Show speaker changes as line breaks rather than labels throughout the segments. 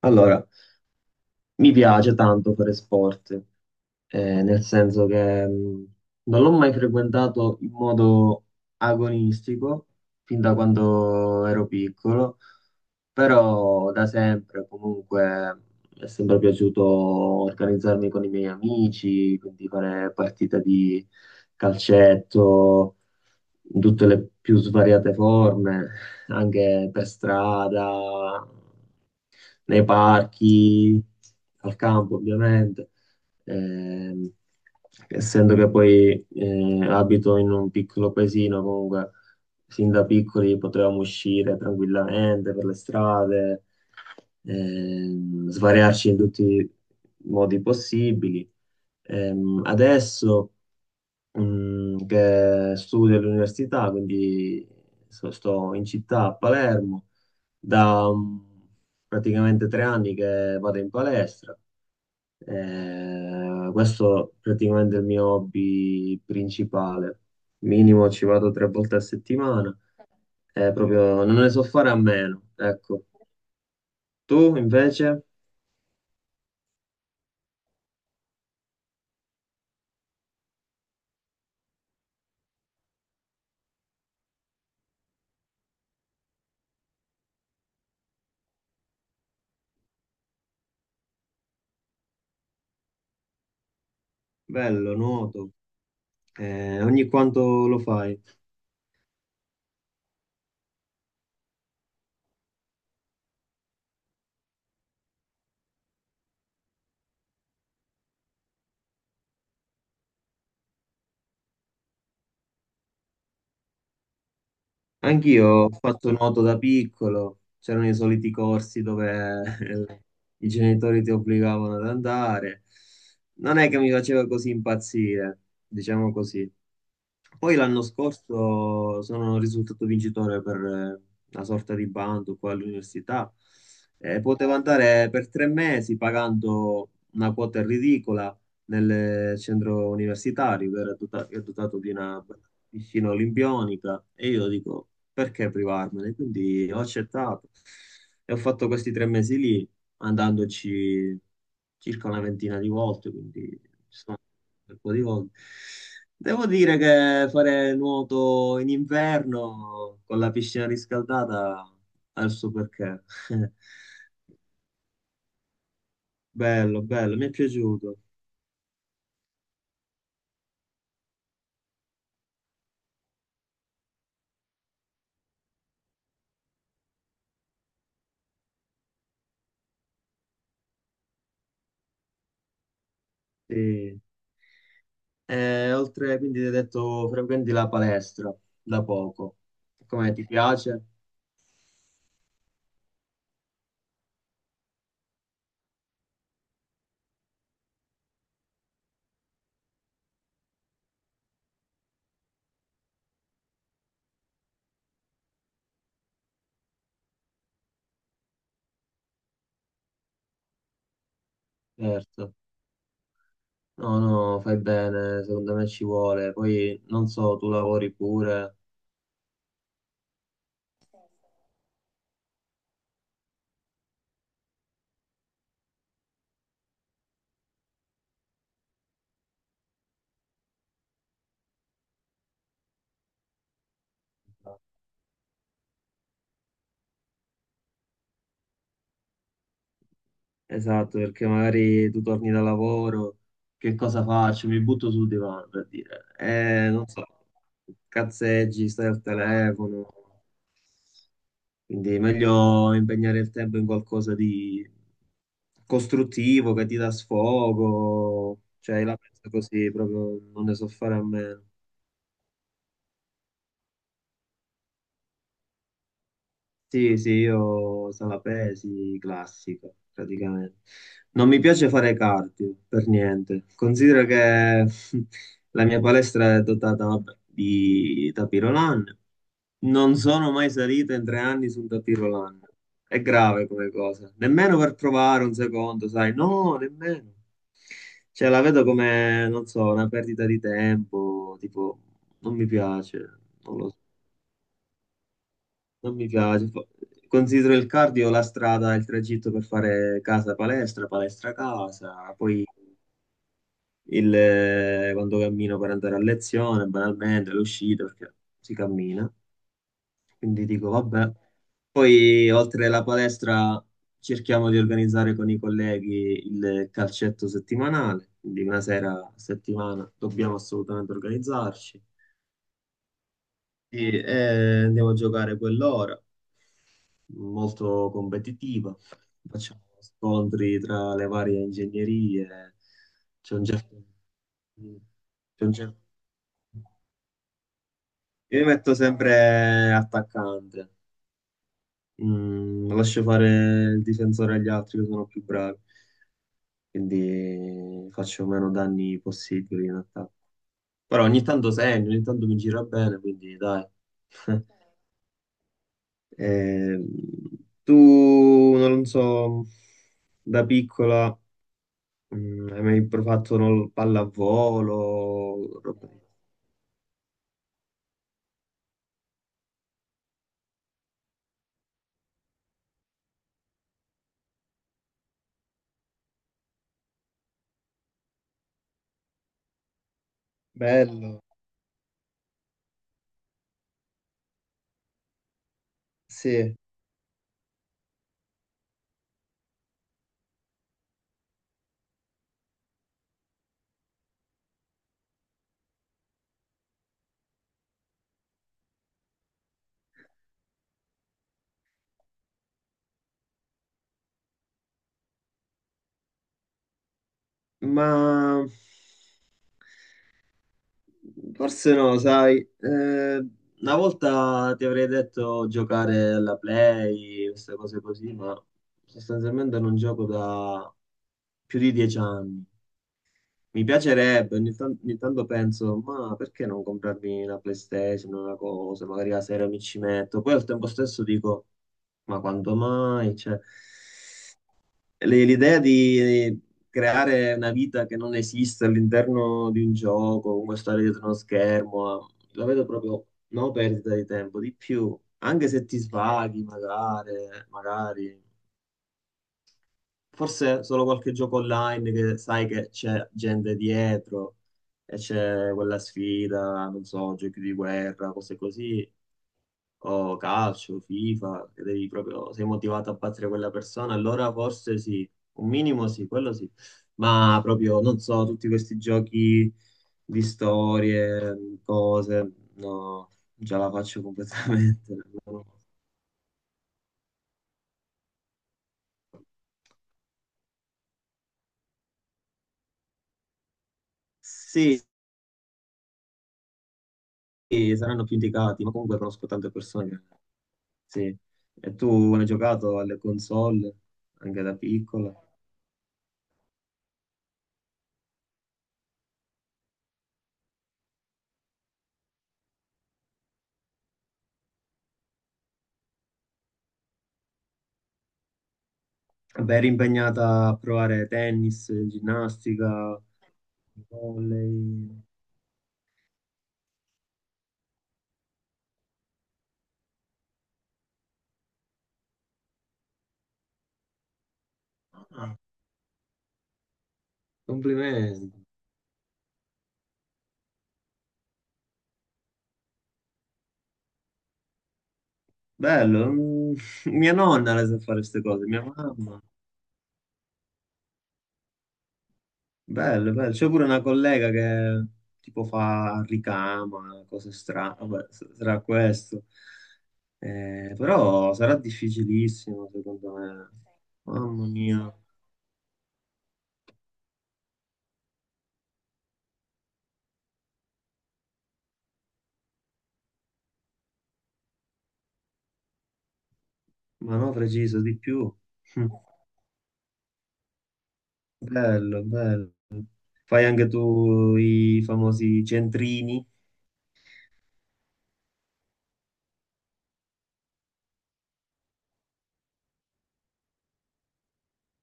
Allora, mi piace tanto fare sport, nel senso che non l'ho mai frequentato in modo agonistico fin da quando ero piccolo, però da sempre comunque mi è sempre piaciuto organizzarmi con i miei amici, quindi fare partite di calcetto in tutte le più svariate forme, anche per strada, nei parchi, al campo ovviamente. Ehm, Essendo che poi abito in un piccolo paesino, comunque sin da piccoli potevamo uscire tranquillamente per le strade, svariarci in tutti i modi possibili. Adesso che studio all'università, quindi sto in città a Palermo, da praticamente 3 anni che vado in palestra. Questo praticamente è il mio hobby principale. Minimo ci vado 3 volte a settimana. Proprio non ne so fare a meno. Ecco. Tu invece? Bello, nuoto. Ogni quanto lo fai? Anch'io ho fatto nuoto da piccolo, c'erano i soliti corsi dove i genitori ti obbligavano ad andare. Non è che mi faceva così impazzire, diciamo così. Poi l'anno scorso sono risultato vincitore per una sorta di bando qua all'università. Potevo andare per 3 mesi pagando una quota ridicola nel centro universitario che era che è dotato di una piscina olimpionica e io dico, perché privarmene? Quindi ho accettato e ho fatto questi 3 mesi lì, andandoci circa una ventina di volte, quindi ci sono andato un bel po' di volte. Devo dire che fare nuoto in inverno con la piscina riscaldata ha il suo perché. Bello, bello, mi è piaciuto. Sì. E oltre, quindi ti hai detto, frequenti la palestra da poco. Come ti piace? Certo. No, no, fai bene, secondo me ci vuole. Poi non so, tu lavori pure. Esatto, perché magari tu torni da lavoro, che cosa faccio? Mi butto sul divano per dire. Non so, cazzeggi, stai al telefono. Quindi è meglio impegnare il tempo in qualcosa di costruttivo che ti dà sfogo. Cioè, io la penso così, proprio non ne so fare a meno. Sì, sì, io sala pesi, classica, praticamente. Non mi piace fare cardio, per niente. Considero che la mia palestra è dotata, vabbè, di tapirolan. Non sono mai salito in 3 anni su un tapirolan. È grave come cosa. Nemmeno per provare un secondo, sai? No, nemmeno. Cioè, la vedo come, non so, una perdita di tempo, tipo, non mi piace, non lo non mi piace. Considero il cardio la strada, il tragitto per fare casa-palestra, palestra-casa, poi quando cammino per andare a lezione, banalmente, l'uscita, perché si cammina. Quindi dico, vabbè. Poi, oltre alla palestra, cerchiamo di organizzare con i colleghi il calcetto settimanale, quindi una sera a settimana dobbiamo assolutamente organizzarci. Sì, andiamo a giocare quell'ora, molto competitiva. Facciamo scontri tra le varie ingegnerie. C'è un certo... c'è un certo- Io mi metto sempre attaccante. Lascio fare il difensore agli altri che sono più bravi, quindi faccio meno danni possibili in attacco. Però ogni tanto segno, ogni tanto mi gira bene, quindi dai. Ehm, Tu, non so, da piccola hai mai provato non, lo- pallavolo? Bello. Sì, ma forse no, sai, una volta ti avrei detto giocare alla Play, queste cose così, ma sostanzialmente non gioco da più di 10 anni. Mi piacerebbe, ogni tanto penso, ma perché non comprarmi una PlayStation, una cosa, magari la sera mi ci metto. Poi al tempo stesso dico, ma quando mai? Cioè, l'idea di creare una vita che non esiste all'interno di un gioco, comunque stare dietro uno schermo, la vedo proprio no perdita di tempo, di più, anche se ti svaghi magari, magari, forse solo qualche gioco online che sai che c'è gente dietro e c'è quella sfida, non so, giochi di guerra, cose così, o calcio, FIFA, che devi proprio, sei motivato a battere quella persona, allora forse sì, un minimo sì, quello sì, ma proprio, non so, tutti questi giochi di storie, cose, no, già la faccio completamente. No. Sì, sì, saranno più indicati, ma comunque conosco tante persone che... Sì. E tu hai giocato alle console, anche da piccola? Beh, eri impegnata a provare tennis, ginnastica, volley. Ah, complimenti. Bello, mia nonna le sa fare queste cose, mia mamma. Bello, bello. C'è pure una collega che tipo fa ricama, cose strane, vabbè, sarà questo. Però sarà difficilissimo, secondo me. Mamma mia, ma no, preciso di più. Mm. Bello, bello. Fai anche tu i famosi centrini?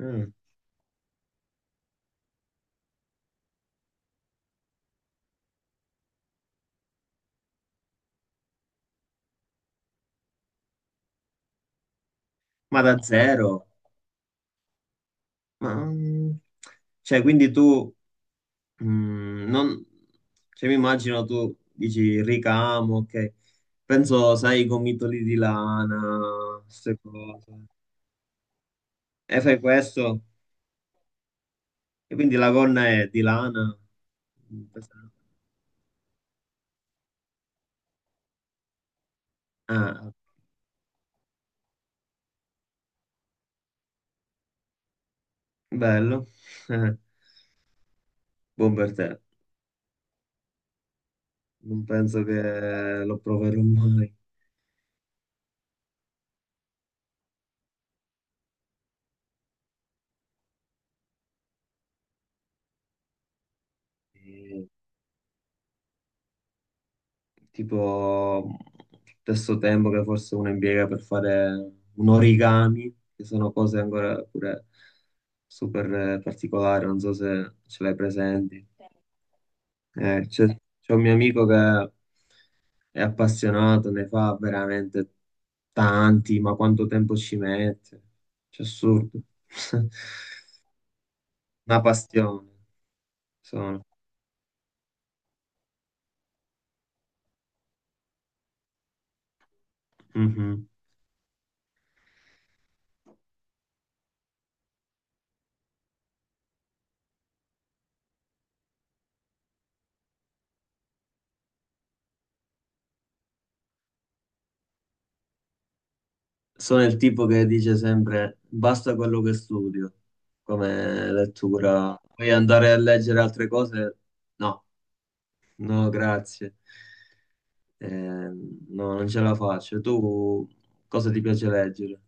Mm. Ma da zero. Ma, cioè, quindi tu Mm, non- cioè, mi immagino tu dici ricamo, ok. Penso, sai, i gomitoli di lana, queste cose. E fai questo, e quindi la gonna è di lana. Ah, bello. Buon per te. Non penso che lo proverò mai. Eh, tipo stesso tempo che forse uno impiega per fare un origami, che sono cose ancora pure super particolari, non so se ce l'hai presenti. Eh, c'è c'è un mio amico che è appassionato, ne fa veramente tanti, ma quanto tempo ci mette? C'è assurdo. Una passione, sono. Mhm. Sono il tipo che dice sempre basta quello che studio come lettura, poi andare a leggere altre cose, no, no, grazie. No, non ce la faccio. Tu cosa ti piace leggere?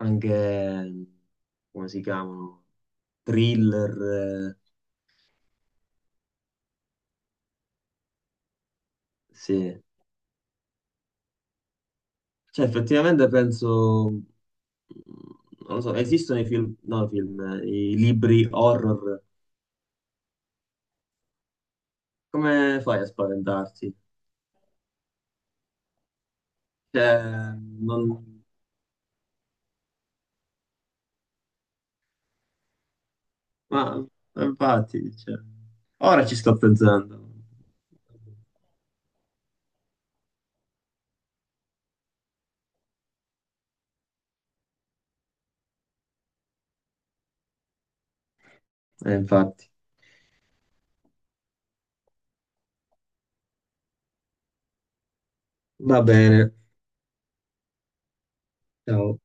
Anche, come si chiamano? Thriller, sì. Cioè, effettivamente penso, non lo so, esistono i film, no, i film, i libri horror. Come fai a spaventarti? Cioè, non- ma infatti, cioè, ora ci sto pensando. Infatti, va bene, ciao.